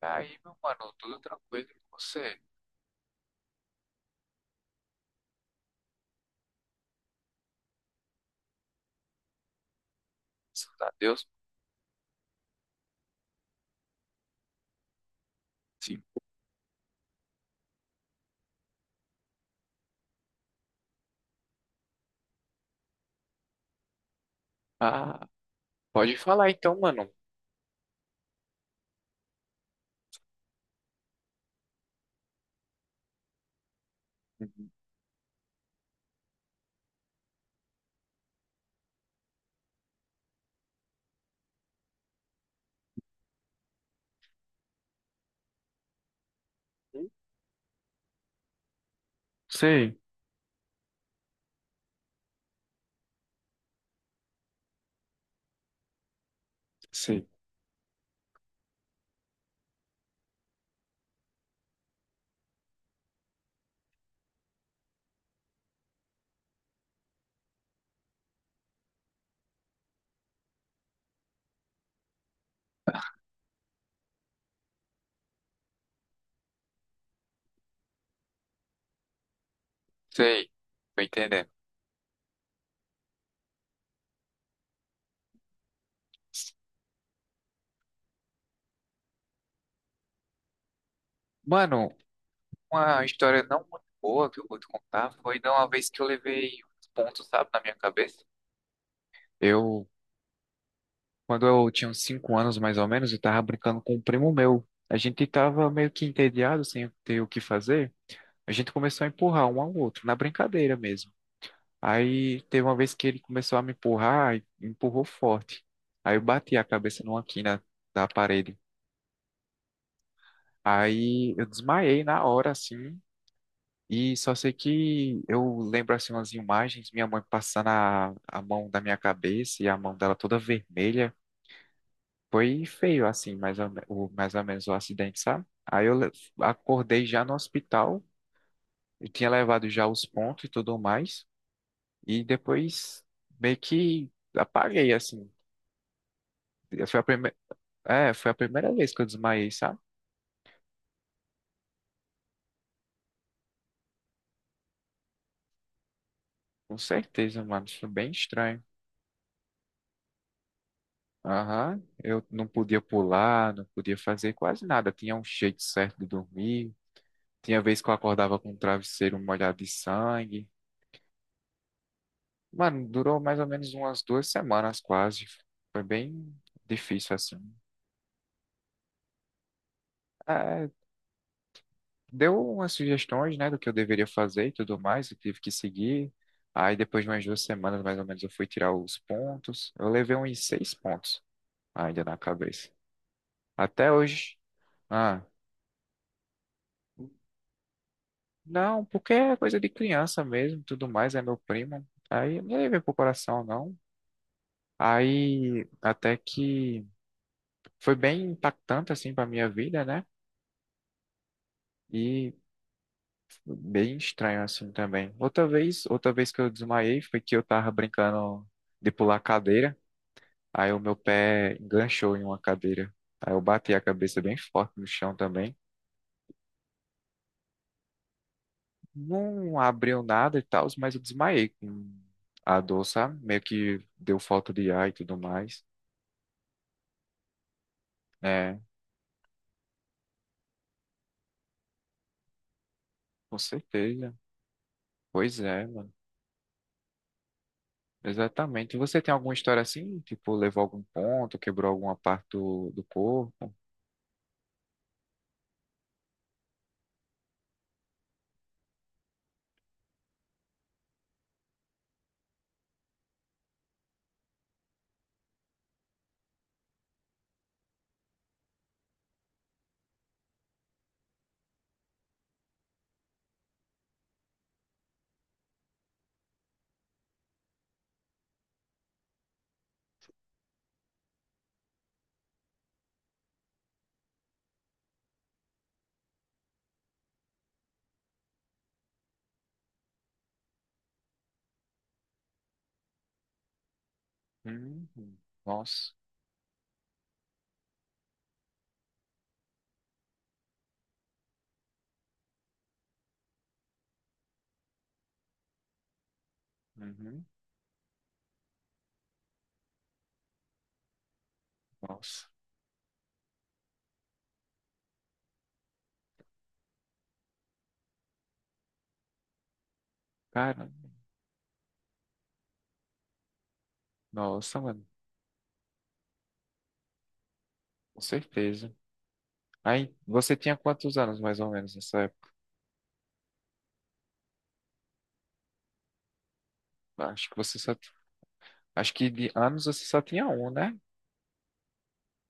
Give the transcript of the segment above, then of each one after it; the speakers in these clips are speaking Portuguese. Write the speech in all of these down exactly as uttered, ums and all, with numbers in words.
Tá. Aí, meu mano, tudo tranquilo com você? Graças a Deus. Sim. Ah, pode falar então, mano. Uhum. Sei, sei, sei. Tô entendendo. Mano, uma história não muito boa que eu vou te contar foi de uma vez que eu levei uns pontos, sabe, na minha cabeça. Eu, quando eu tinha uns cinco anos mais ou menos, eu tava brincando com um primo meu. A gente tava meio que entediado, sem ter o que fazer. A gente começou a empurrar um ao outro, na brincadeira mesmo. Aí teve uma vez que ele começou a me empurrar, e empurrou forte. Aí eu bati a cabeça numa quina da parede. Aí eu desmaiei na hora, assim, e só sei que eu lembro, assim, umas imagens, minha mãe passando a, a mão da minha cabeça e a mão dela toda vermelha. Foi feio, assim, mais ou, me- o, mais ou menos o acidente, sabe? Aí eu le- Acordei já no hospital, eu tinha levado já os pontos e tudo mais, e depois meio que apaguei, assim. Foi a primeira É, foi a primeira vez que eu desmaiei, sabe? Com certeza, mano. Isso foi bem estranho. Aham. Eu não podia pular, não podia fazer quase nada. Tinha um jeito certo de dormir. Tinha vez que eu acordava com o travesseiro molhado de sangue. Mano, durou mais ou menos umas duas semanas quase. Foi bem difícil, assim. É, deu umas sugestões, né, do que eu deveria fazer e tudo mais. Eu tive que seguir. Aí, depois de umas duas semanas, mais ou menos, eu fui tirar os pontos. Eu levei uns seis pontos ainda na cabeça. Até hoje. Ah, não, porque é coisa de criança mesmo, tudo mais, é meu primo. Aí não levei pro coração, não. Aí até que foi bem impactante assim pra minha vida, né? E bem estranho assim também. Outra vez, outra vez que eu desmaiei foi que eu tava brincando de pular cadeira. Aí o meu pé enganchou em uma cadeira. Aí eu bati a cabeça bem forte no chão também. Não abriu nada e tal, mas eu desmaiei com a dor, sabe? Meio que deu falta de ar e tudo mais. É, com certeza. Pois é, mano. Exatamente. Você tem alguma história assim? Tipo, levou algum ponto, quebrou alguma parte do, do corpo? Uhum. Nossa. Uhum. Nossa. Cara, nossa, mano. Com certeza. Aí, você tinha quantos anos mais ou menos nessa época? Acho que você só. Acho que de anos você só tinha um, né?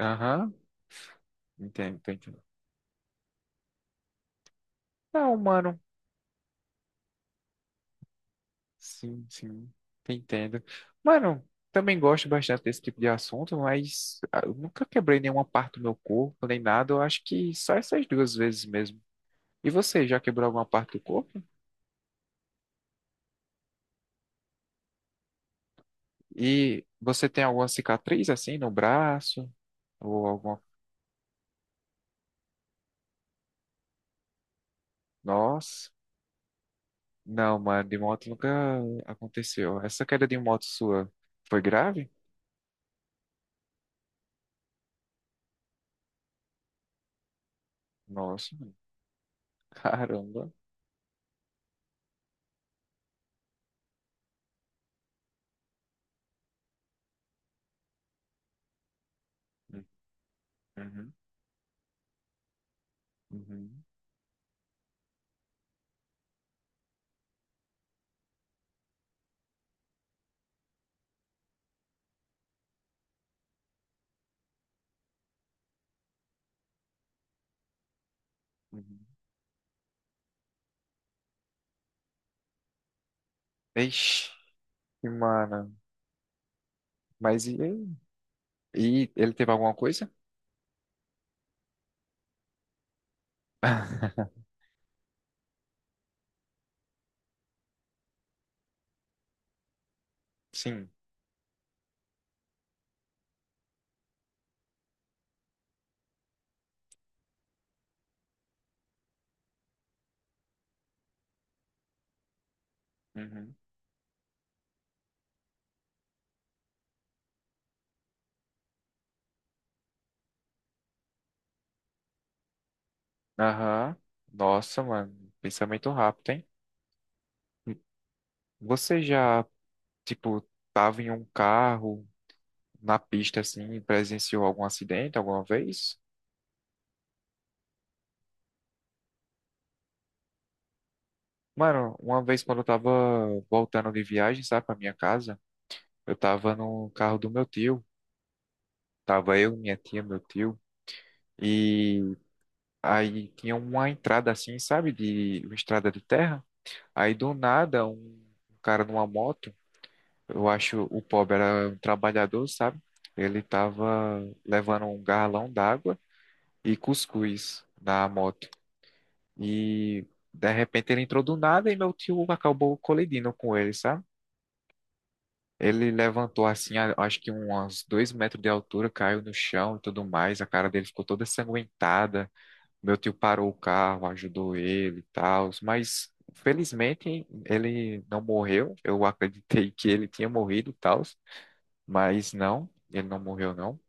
Aham. Entendo, tô entendendo. Não, mano. Sim, sim, entendo. Mano, também gosto bastante desse tipo de assunto, mas ah, eu nunca quebrei nenhuma parte do meu corpo, nem nada. Eu acho que só essas duas vezes mesmo. E você, já quebrou alguma parte do corpo? E você tem alguma cicatriz assim no braço? Ou alguma. Nossa. Não, mano, de moto nunca aconteceu. Essa queda de moto sua foi grave? Nossa, mano. Caramba. Uhum, uhum, uhum. Uhum. Ixi, mano. Mas e aí? E ele teve alguma coisa? Sim. Uhum. Aham. Nossa, mano. Pensamento rápido, hein? Hum. Você já, tipo, tava em um carro, na pista, assim, e presenciou algum acidente alguma vez? Mano, uma vez quando eu tava voltando de viagem, sabe, pra minha casa, eu tava no carro do meu tio. Tava eu, minha tia, meu tio. E aí tinha uma entrada assim, sabe, de uma estrada de terra. Aí do nada, um cara numa moto. Eu acho o pobre era um trabalhador, sabe? Ele tava levando um galão d'água e cuscuz na moto. E de repente ele entrou do nada e meu tio acabou colidindo com ele, sabe? Ele levantou assim, a- acho que uns dois metros de altura, caiu no chão e tudo mais. A cara dele ficou toda sanguentada. Meu tio parou o carro, ajudou ele e tal, mas felizmente ele não morreu. Eu acreditei que ele tinha morrido e tal. Mas não, ele não morreu, não.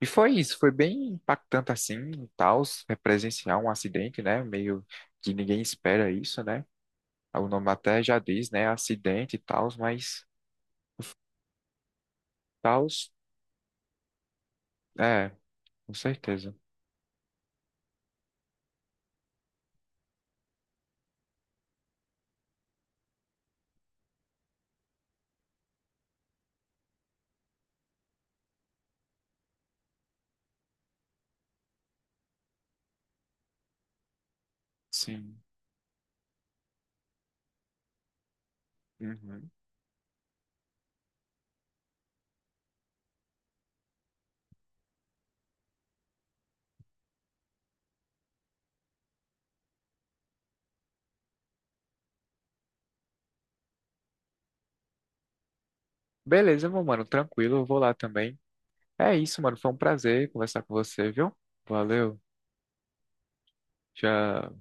E foi isso, foi bem impactante assim, tal, é presenciar um acidente, né? Meio que ninguém espera isso, né? O nome até já diz, né? Acidente e tal, mas tal, é, com certeza. Sim. Uhum. Beleza, meu mano, tranquilo, eu vou lá também. É isso, mano, foi um prazer conversar com você, viu? Valeu, tchau.